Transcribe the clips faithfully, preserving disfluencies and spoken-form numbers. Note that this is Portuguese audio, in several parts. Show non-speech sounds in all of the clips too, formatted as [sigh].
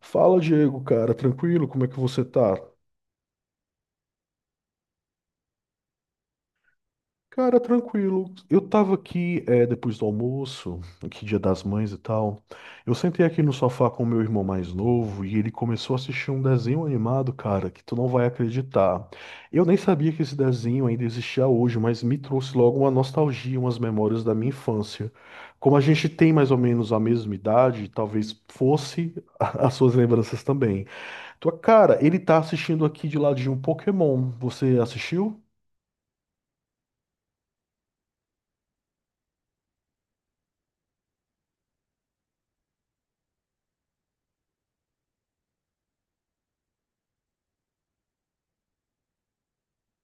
Fala, Diego, cara, tranquilo? Como é que você tá? Cara, tranquilo. Eu tava aqui, é, depois do almoço, aqui Dia das Mães e tal. Eu sentei aqui no sofá com o meu irmão mais novo e ele começou a assistir um desenho animado, cara, que tu não vai acreditar. Eu nem sabia que esse desenho ainda existia hoje, mas me trouxe logo uma nostalgia, umas memórias da minha infância. Como a gente tem mais ou menos a mesma idade, talvez fosse [laughs] as suas lembranças também. Tua cara, ele tá assistindo aqui de ladinho um Pokémon. Você assistiu?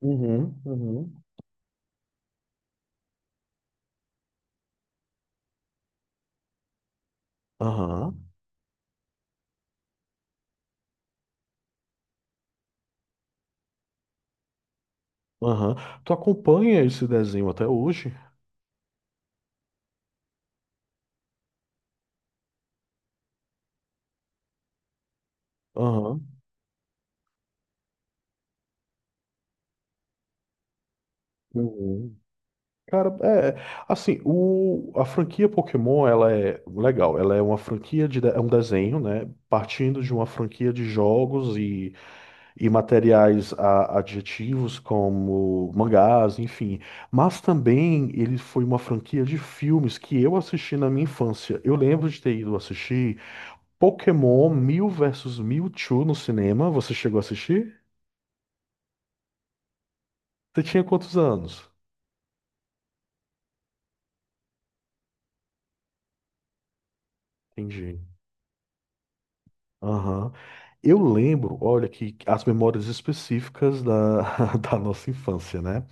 Uhum, uhum. Aham, aham. Tu acompanha esse desenho até hoje? Aham. Uhum. Cara, é é, assim, o, a franquia Pokémon, ela é legal, ela é uma franquia de, de- é um desenho, né, partindo de uma franquia de jogos e e materiais a- adjetivos como mangás, enfim. Mas também ele foi uma franquia de filmes que eu assisti na minha infância. Eu lembro de ter ido assistir Pokémon Mil versus Mewtwo no cinema. Você chegou a assistir? Você tinha quantos anos? Entendi. Aham. Eu lembro, olha, que as memórias específicas da, [laughs] da nossa infância, né?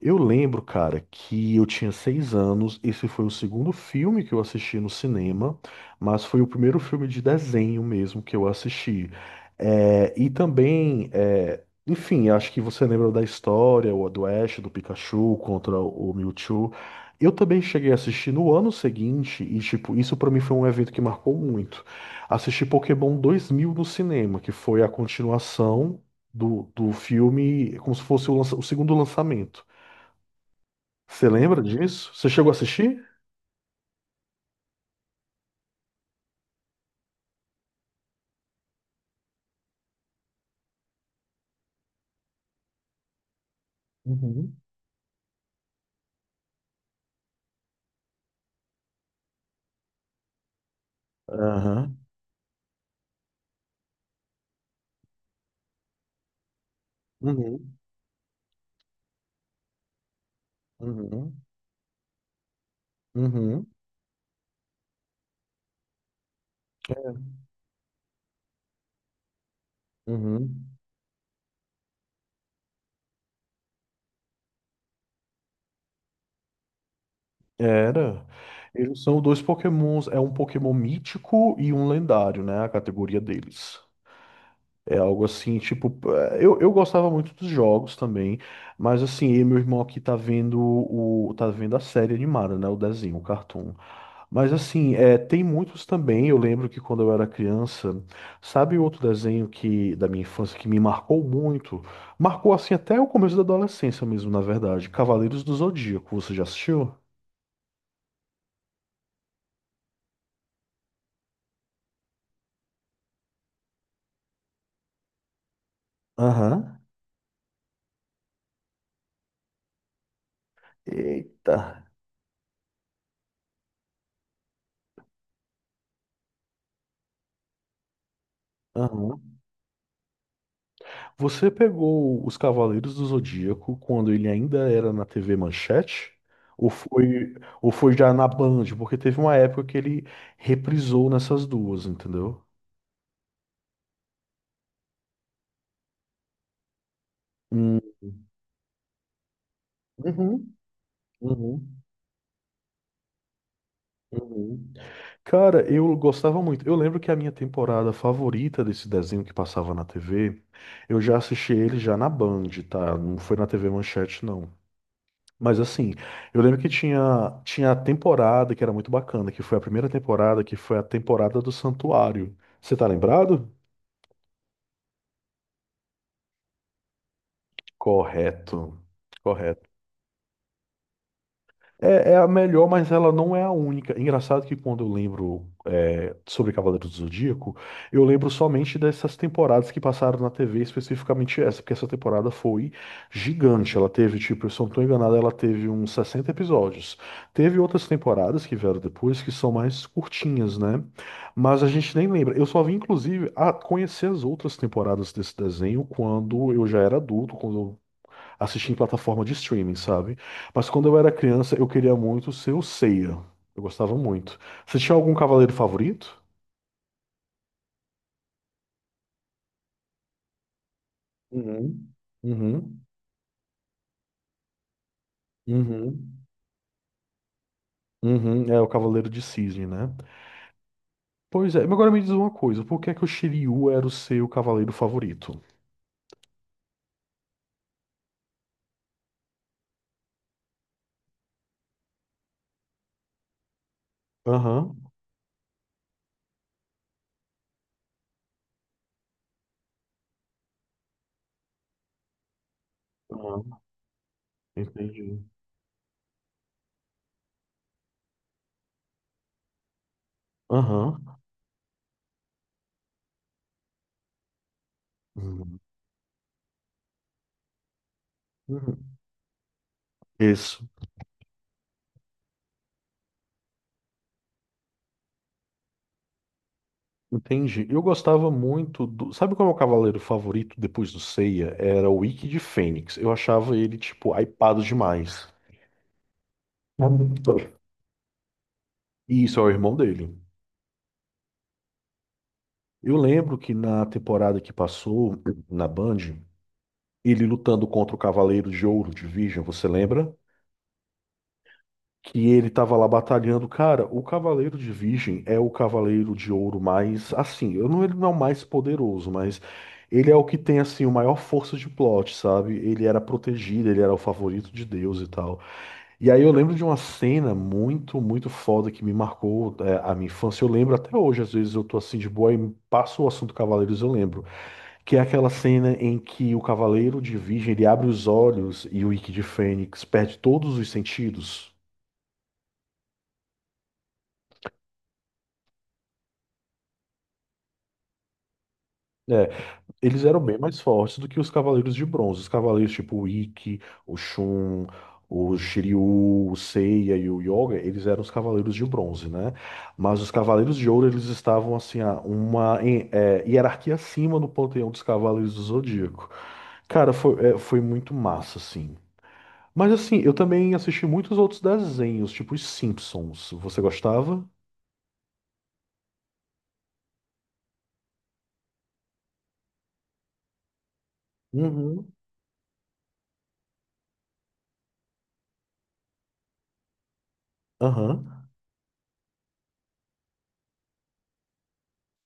Eu lembro, cara, que eu tinha seis anos. Esse foi o segundo filme que eu assisti no cinema, mas foi o primeiro filme de desenho mesmo que eu assisti. É, e também, é, enfim, acho que você lembra da história, o do Ash, do Pikachu contra o Mewtwo. Eu também cheguei a assistir no ano seguinte, e tipo, isso pra mim foi um evento que marcou muito. Assisti Pokémon dois mil no cinema, que foi a continuação do, do filme, como se fosse o lança- o segundo lançamento. Você lembra disso? Você chegou a assistir? Uhum. Aham. Uhum. Uhum. Uhum. Uhum. Era. Eles são dois Pokémons. É um Pokémon mítico e um lendário, né? A categoria deles. É algo assim, tipo. é, Eu, eu gostava muito dos jogos também. Mas assim, eu e meu irmão aqui tá vendo o. tá vendo a série animada, né? O desenho, o cartoon. Mas assim, é, tem muitos também. Eu lembro que quando eu era criança, sabe outro desenho que da minha infância que me marcou muito? Marcou assim até o começo da adolescência mesmo, na verdade. Cavaleiros do Zodíaco, você já assistiu? Aham. Eita. Aham. Você pegou os Cavaleiros do Zodíaco quando ele ainda era na T V Manchete? Ou foi, ou foi já na Band? Porque teve uma época que ele reprisou nessas duas, entendeu? Hum. Uhum. Uhum. Uhum. Cara, eu gostava muito. Eu lembro que a minha temporada favorita desse desenho que passava na T V, eu já assisti ele já na Band, tá? Não foi na T V Manchete, não. Mas assim, eu lembro que tinha, tinha a temporada que era muito bacana, que foi a primeira temporada, que foi a temporada do Santuário. Você tá lembrado? Correto. Correto. É, é a melhor, mas ela não é a única. Engraçado que quando eu lembro é, sobre Cavaleiros do Zodíaco, eu lembro somente dessas temporadas que passaram na T V, especificamente essa, porque essa temporada foi gigante. Ela teve, tipo, se eu não estou enganado, ela teve uns sessenta episódios. Teve outras temporadas que vieram depois que são mais curtinhas, né? Mas a gente nem lembra. Eu só vim, inclusive, a conhecer as outras temporadas desse desenho quando eu já era adulto, quando assistir em plataforma de streaming, sabe? Mas quando eu era criança, eu queria muito ser o Seiya. Eu gostava muito. Você tinha algum cavaleiro favorito? Uhum. Uhum. Uhum. Uhum. É o Cavaleiro de Cisne, né? Pois é, mas agora me diz uma coisa, por que é que o Shiryu era o seu cavaleiro favorito? Aham. Aham. Entendi. Aham. Uhum. Uhum. Isso. Entendi. Eu gostava muito do. Sabe qual é o meu cavaleiro favorito depois do Seiya? Era o Ikki de Fênix. Eu achava ele, tipo, hypado demais. E isso é o irmão dele. Eu lembro que na temporada que passou na Band, ele lutando contra o Cavaleiro de Ouro de Virgem, você lembra? Que ele tava lá batalhando. Cara, o Cavaleiro de Virgem é o Cavaleiro de Ouro mais, assim, eu não, ele não é o mais poderoso, mas ele é o que tem, assim, o maior força de plot, sabe? Ele era protegido, ele era o favorito de Deus e tal. E aí eu lembro de uma cena muito, muito foda que me marcou, é, a minha infância. Eu lembro até hoje, às vezes eu tô assim de boa e passo o assunto Cavaleiros, eu lembro. Que é aquela cena em que o Cavaleiro de Virgem, ele abre os olhos e o Ikki de Fênix perde todos os sentidos. É, eles eram bem mais fortes do que os Cavaleiros de Bronze. Os Cavaleiros tipo o Ikki, o Shun, o Shiryu, o Seiya e o Yoga, eles eram os Cavaleiros de Bronze, né? Mas os Cavaleiros de Ouro, eles estavam assim, a uma em- é, hierarquia acima no panteão dos Cavaleiros do Zodíaco. Cara, foi, é, foi muito massa, assim. Mas assim, eu também assisti muitos outros desenhos, tipo os Simpsons. Você gostava? Uhum. Aham.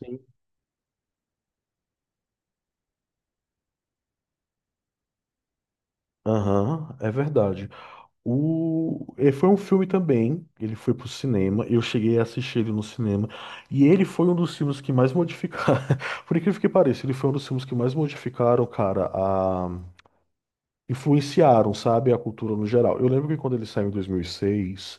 Sim. Aham, é verdade. O... é, Foi um filme também, ele foi pro cinema, eu cheguei a assistir ele no cinema, e ele foi um dos filmes que mais modificaram, [laughs] por incrível que pareça, ele foi um dos filmes que mais modificaram, cara, influenciaram, sabe, a cultura no geral. Eu lembro que quando ele saiu em dois mil e seis,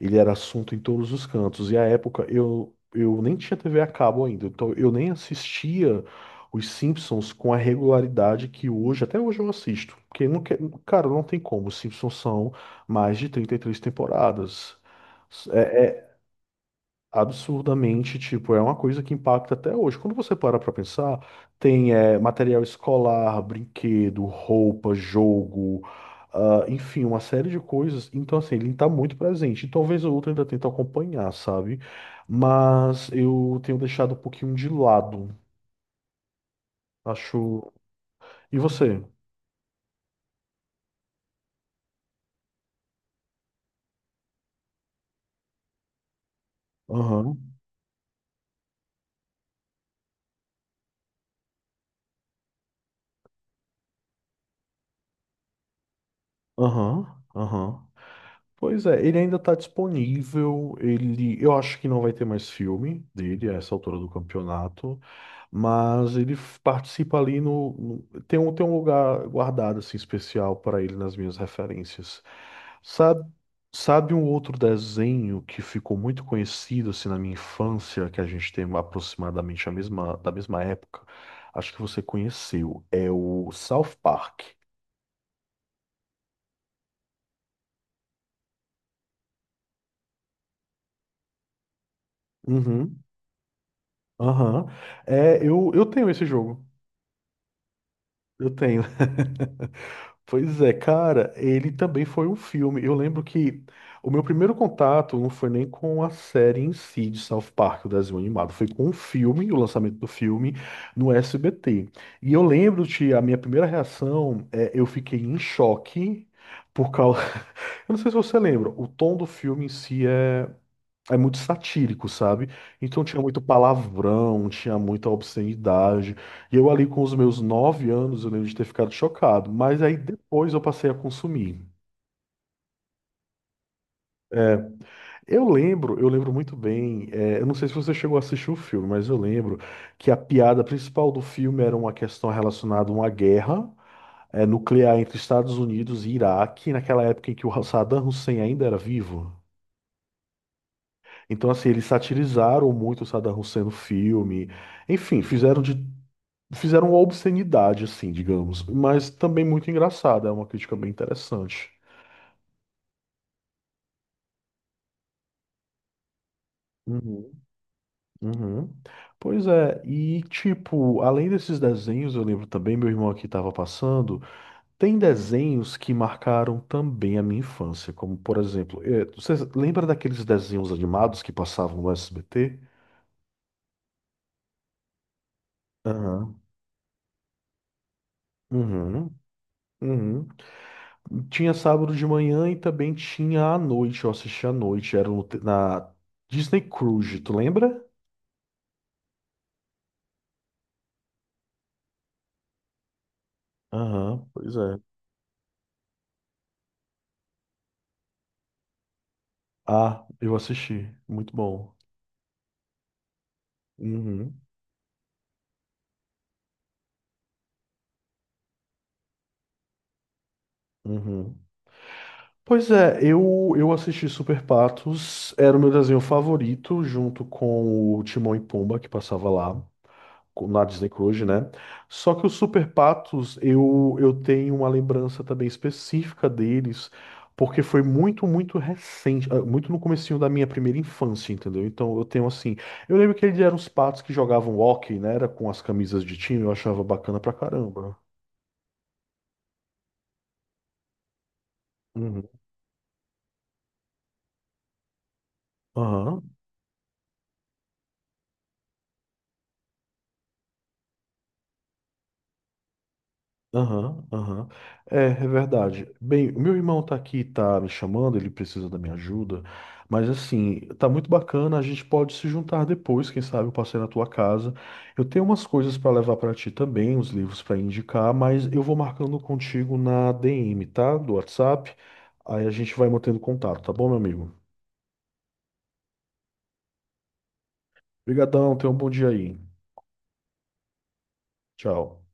ele era assunto em todos os cantos. E à época eu, eu nem tinha T V a cabo ainda, então eu nem assistia os Simpsons com a regularidade que hoje, até hoje eu assisto. Porque não quer, cara, não tem como. Os Simpsons são mais de trinta e três temporadas. É, é, Absurdamente, tipo, é uma coisa que impacta até hoje. Quando você para pra pensar, tem eh, material escolar, brinquedo, roupa, jogo, ah, enfim, uma série de coisas. Então, assim, ele tá muito presente. E talvez o outro ainda tente acompanhar, sabe? Mas eu tenho deixado um pouquinho de lado, acho. E você? Aham, aham, aham. Pois é, ele ainda tá disponível. Ele, eu acho que não vai ter mais filme dele a essa altura do campeonato. Mas ele f- participa ali no, no- tem um, tem um lugar guardado assim especial para ele nas minhas referências. Sabe, sabe um outro desenho que ficou muito conhecido assim na minha infância, que a gente tem aproximadamente a mesma da mesma época? Acho que você conheceu, é o South Park. Uhum. Aham. É, eu, eu tenho esse jogo. Eu tenho. [laughs] Pois é, cara, ele também foi um filme. Eu lembro que o meu primeiro contato não foi nem com a série em si de South Park, o desenho animado, foi com o filme, o lançamento do filme no S B T. E eu lembro que a minha primeira reação é eu fiquei em choque por causa. [laughs] Eu não sei se você lembra, o tom do filme em si é é muito satírico, sabe? Então tinha muito palavrão, tinha muita obscenidade. E eu ali com os meus nove anos, eu lembro de ter ficado chocado. Mas aí depois eu passei a consumir. É, eu lembro, eu lembro muito bem. é, eu não sei se você chegou a assistir o filme, mas eu lembro que a piada principal do filme era uma questão relacionada a uma guerra, é, nuclear entre Estados Unidos e Iraque, naquela época em que o Saddam Hussein ainda era vivo. Então, assim, eles satirizaram muito o Saddam Hussein no filme. Enfim, fizeram de. Fizeram uma obscenidade, assim, digamos. Mas também muito engraçada. É uma crítica bem interessante. Uhum, uhum. Pois é, e tipo, além desses desenhos, eu lembro também, meu irmão aqui estava passando, tem desenhos que marcaram também a minha infância, como por exemplo, eh, você lembra daqueles desenhos animados que passavam no S B T? Aham. Uhum. Uhum. Tinha sábado de manhã e também tinha à noite. Eu assisti à noite, era no te- na Disney Cruise, tu lembra? Aham, pois é. Ah, eu assisti. Muito bom. Uhum, uhum. Pois é, eu, eu assisti Super Patos, era o meu desenho favorito, junto com o Timão e Pumba, que passava lá. Na Disney Cruise, né? Só que os Super Patos, eu, eu tenho uma lembrança também específica deles, porque foi muito, muito recente, ah, muito no comecinho da minha primeira infância, entendeu? Então eu tenho assim, eu lembro que eles eram os patos que jogavam hóquei, né? Era com as camisas de time, eu achava bacana pra caramba. Uhum. Aham. Aham, aham. É, é verdade. Bem, o meu irmão tá aqui, tá me chamando, ele precisa da minha ajuda, mas assim, tá muito bacana, a gente pode se juntar depois, quem sabe eu passei na tua casa. Eu tenho umas coisas pra levar pra ti também, uns livros pra indicar, mas eu vou marcando contigo na D M, tá? Do WhatsApp. Aí a gente vai mantendo contato, tá bom, meu amigo? Obrigadão, tenha um bom dia aí. Tchau.